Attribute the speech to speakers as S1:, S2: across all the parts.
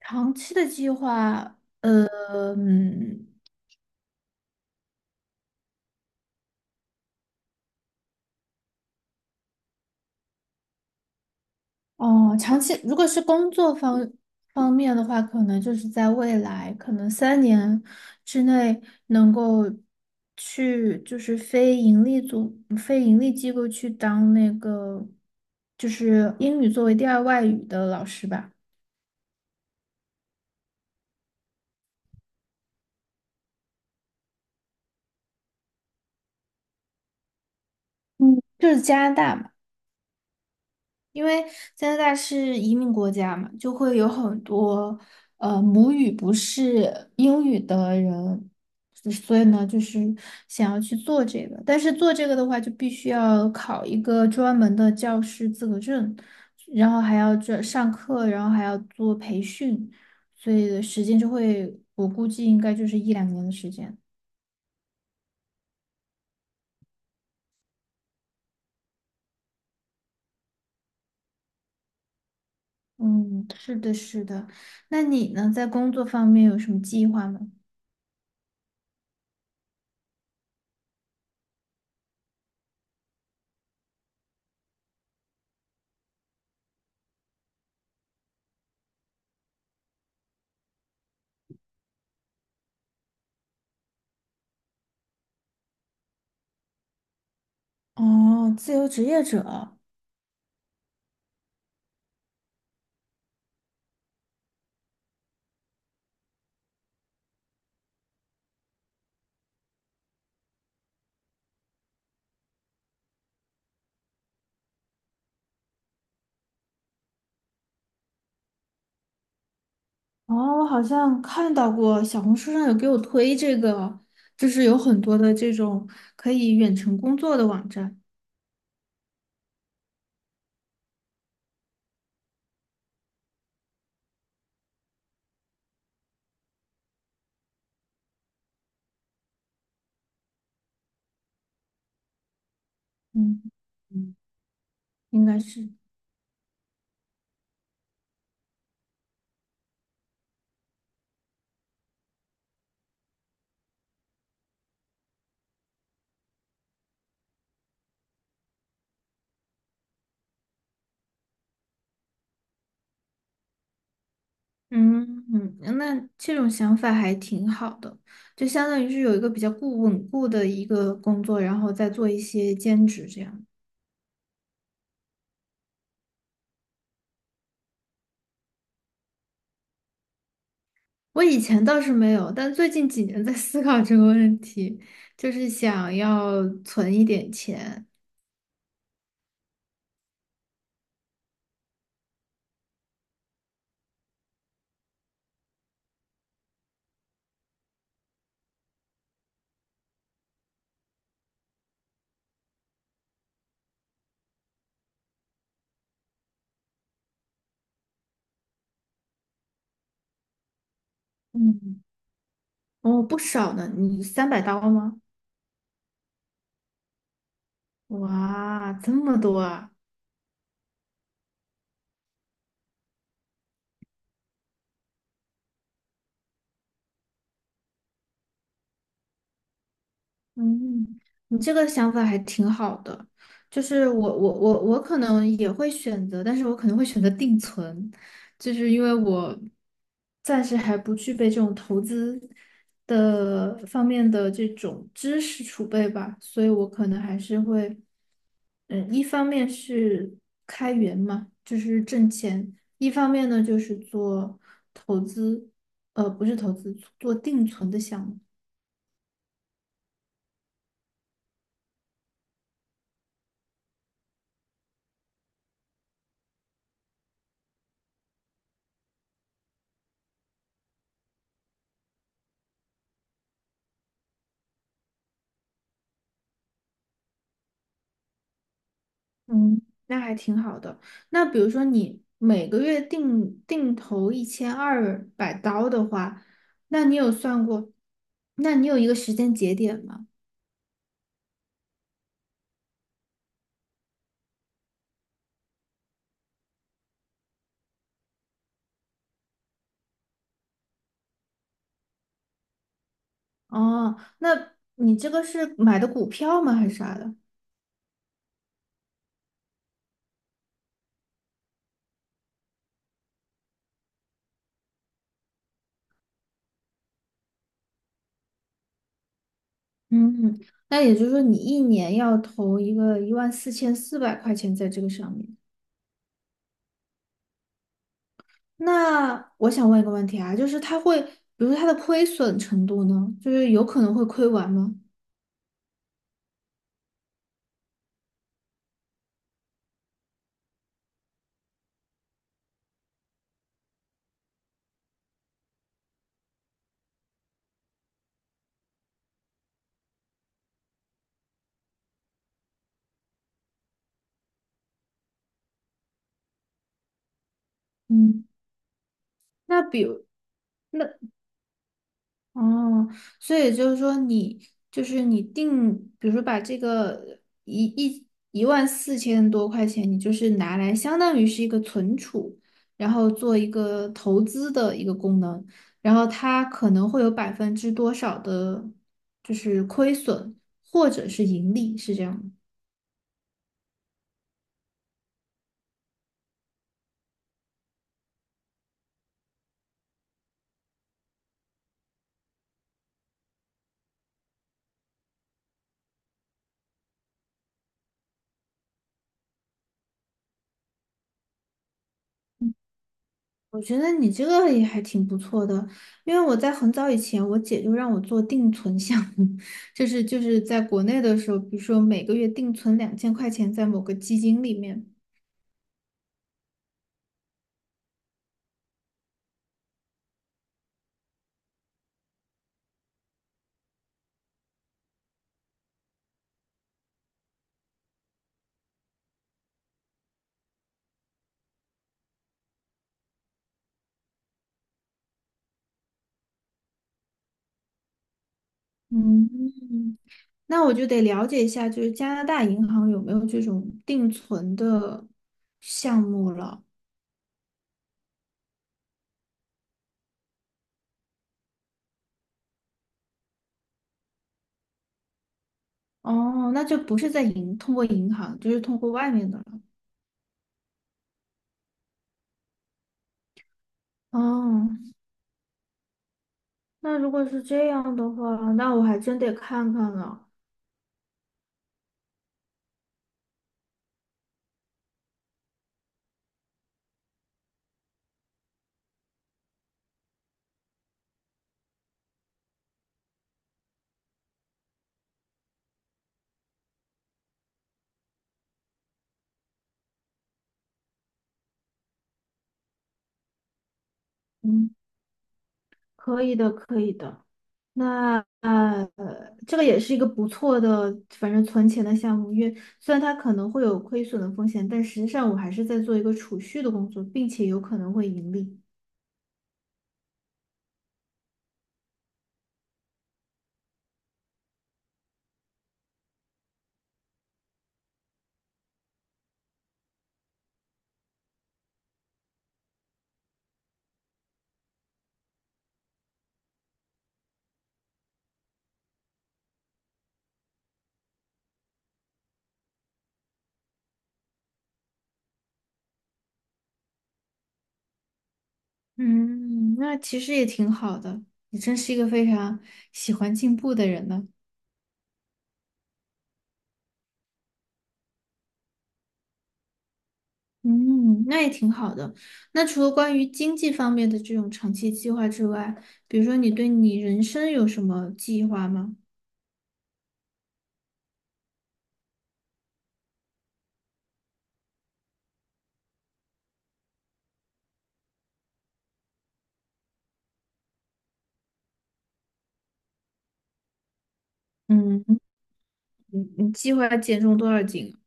S1: 长期的计划。嗯。哦，长期如果是工作方面的话，可能就是在未来，可能3年之内能够去就是非盈利机构去当那个就是英语作为第二外语的老师吧。嗯，就是加拿大嘛。因为加拿大是移民国家嘛，就会有很多母语不是英语的人，所以呢，就是想要去做这个，但是做这个的话，就必须要考一个专门的教师资格证，然后还要这上课，然后还要做培训，所以的时间就会，我估计应该就是一两年的时间。嗯，是的，是的。那你呢，在工作方面有什么计划吗？哦，自由职业者。哦，我好像看到过小红书上有给我推这个，就是有很多的这种可以远程工作的网站。嗯嗯，应该是，嗯嗯，那这种想法还挺好的，就相当于是有一个比较固稳固的一个工作，然后再做一些兼职这样。我以前倒是没有，但最近几年在思考这个问题，就是想要存一点钱。嗯。哦，不少呢，你300刀吗？哇，这么多啊！嗯，你这个想法还挺好的。就是我可能也会选择，但是我可能会选择定存，就是因为我暂时还不具备这种投资的方面的这种知识储备吧，所以我可能还是会，嗯，一方面是开源嘛，就是挣钱，一方面呢就是做投资。不是投资，做定存的项目。嗯，那还挺好的。那比如说你每个月定投1200刀的话，那你有算过？那你有一个时间节点吗？哦，那你这个是买的股票吗？还是啥的？嗯，那也就是说你一年要投一个14,400块钱在这个上面。那我想问一个问题啊，就是它会，比如说它的亏损程度呢，就是有可能会亏完吗？嗯，那比如。那。哦，所以就是说你，就是你定，比如说把这个一万四千多块钱，你就是拿来相当于是一个存储，然后做一个投资的一个功能，然后它可能会有百分之多少的，就是亏损或者是盈利，是这样吗？我觉得你这个也还挺不错的，因为我在很早以前，我姐就让我做定存项目，就是在国内的时候，比如说每个月定存2000块钱在某个基金里面。嗯，那我就得了解一下，就是加拿大银行有没有这种定存的项目了。哦，那就不是在银，通过银行，就是通过外面的了。哦，那如果是这样的话，那我还真得看看了。嗯，可以的，可以的。那这个也是一个不错的，反正存钱的项目，因为虽然它可能会有亏损的风险，但实际上我还是在做一个储蓄的工作，并且有可能会盈利。嗯，那其实也挺好的，你真是一个非常喜欢进步的人呢。嗯，那也挺好的。那除了关于经济方面的这种长期计划之外，比如说你对你人生有什么计划吗？嗯，你计划减重多少斤啊？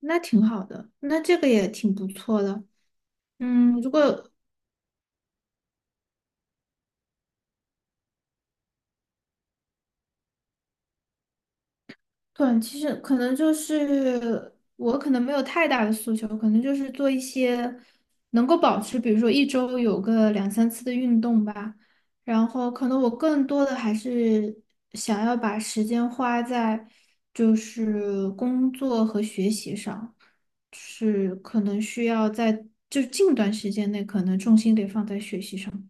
S1: 那挺好的，那这个也挺不错的。嗯，如果短期是可能就是我可能没有太大的诉求，可能就是做一些能够保持，比如说一周有个两三次的运动吧。然后可能我更多的还是想要把时间花在就是工作和学习上，是可能需要在就近段时间内可能重心得放在学习上。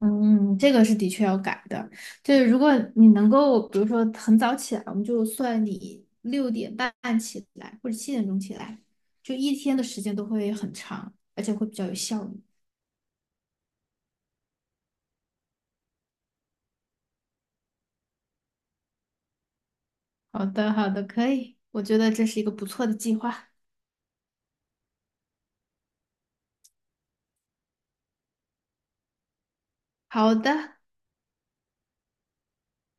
S1: 嗯，这个是的确要改的。就是如果你能够，比如说很早起来，我们就算你6点半起来或者7点钟起来，就一天的时间都会很长，而且会比较有效率。好的，好的，可以，我觉得这是一个不错的计划。好的。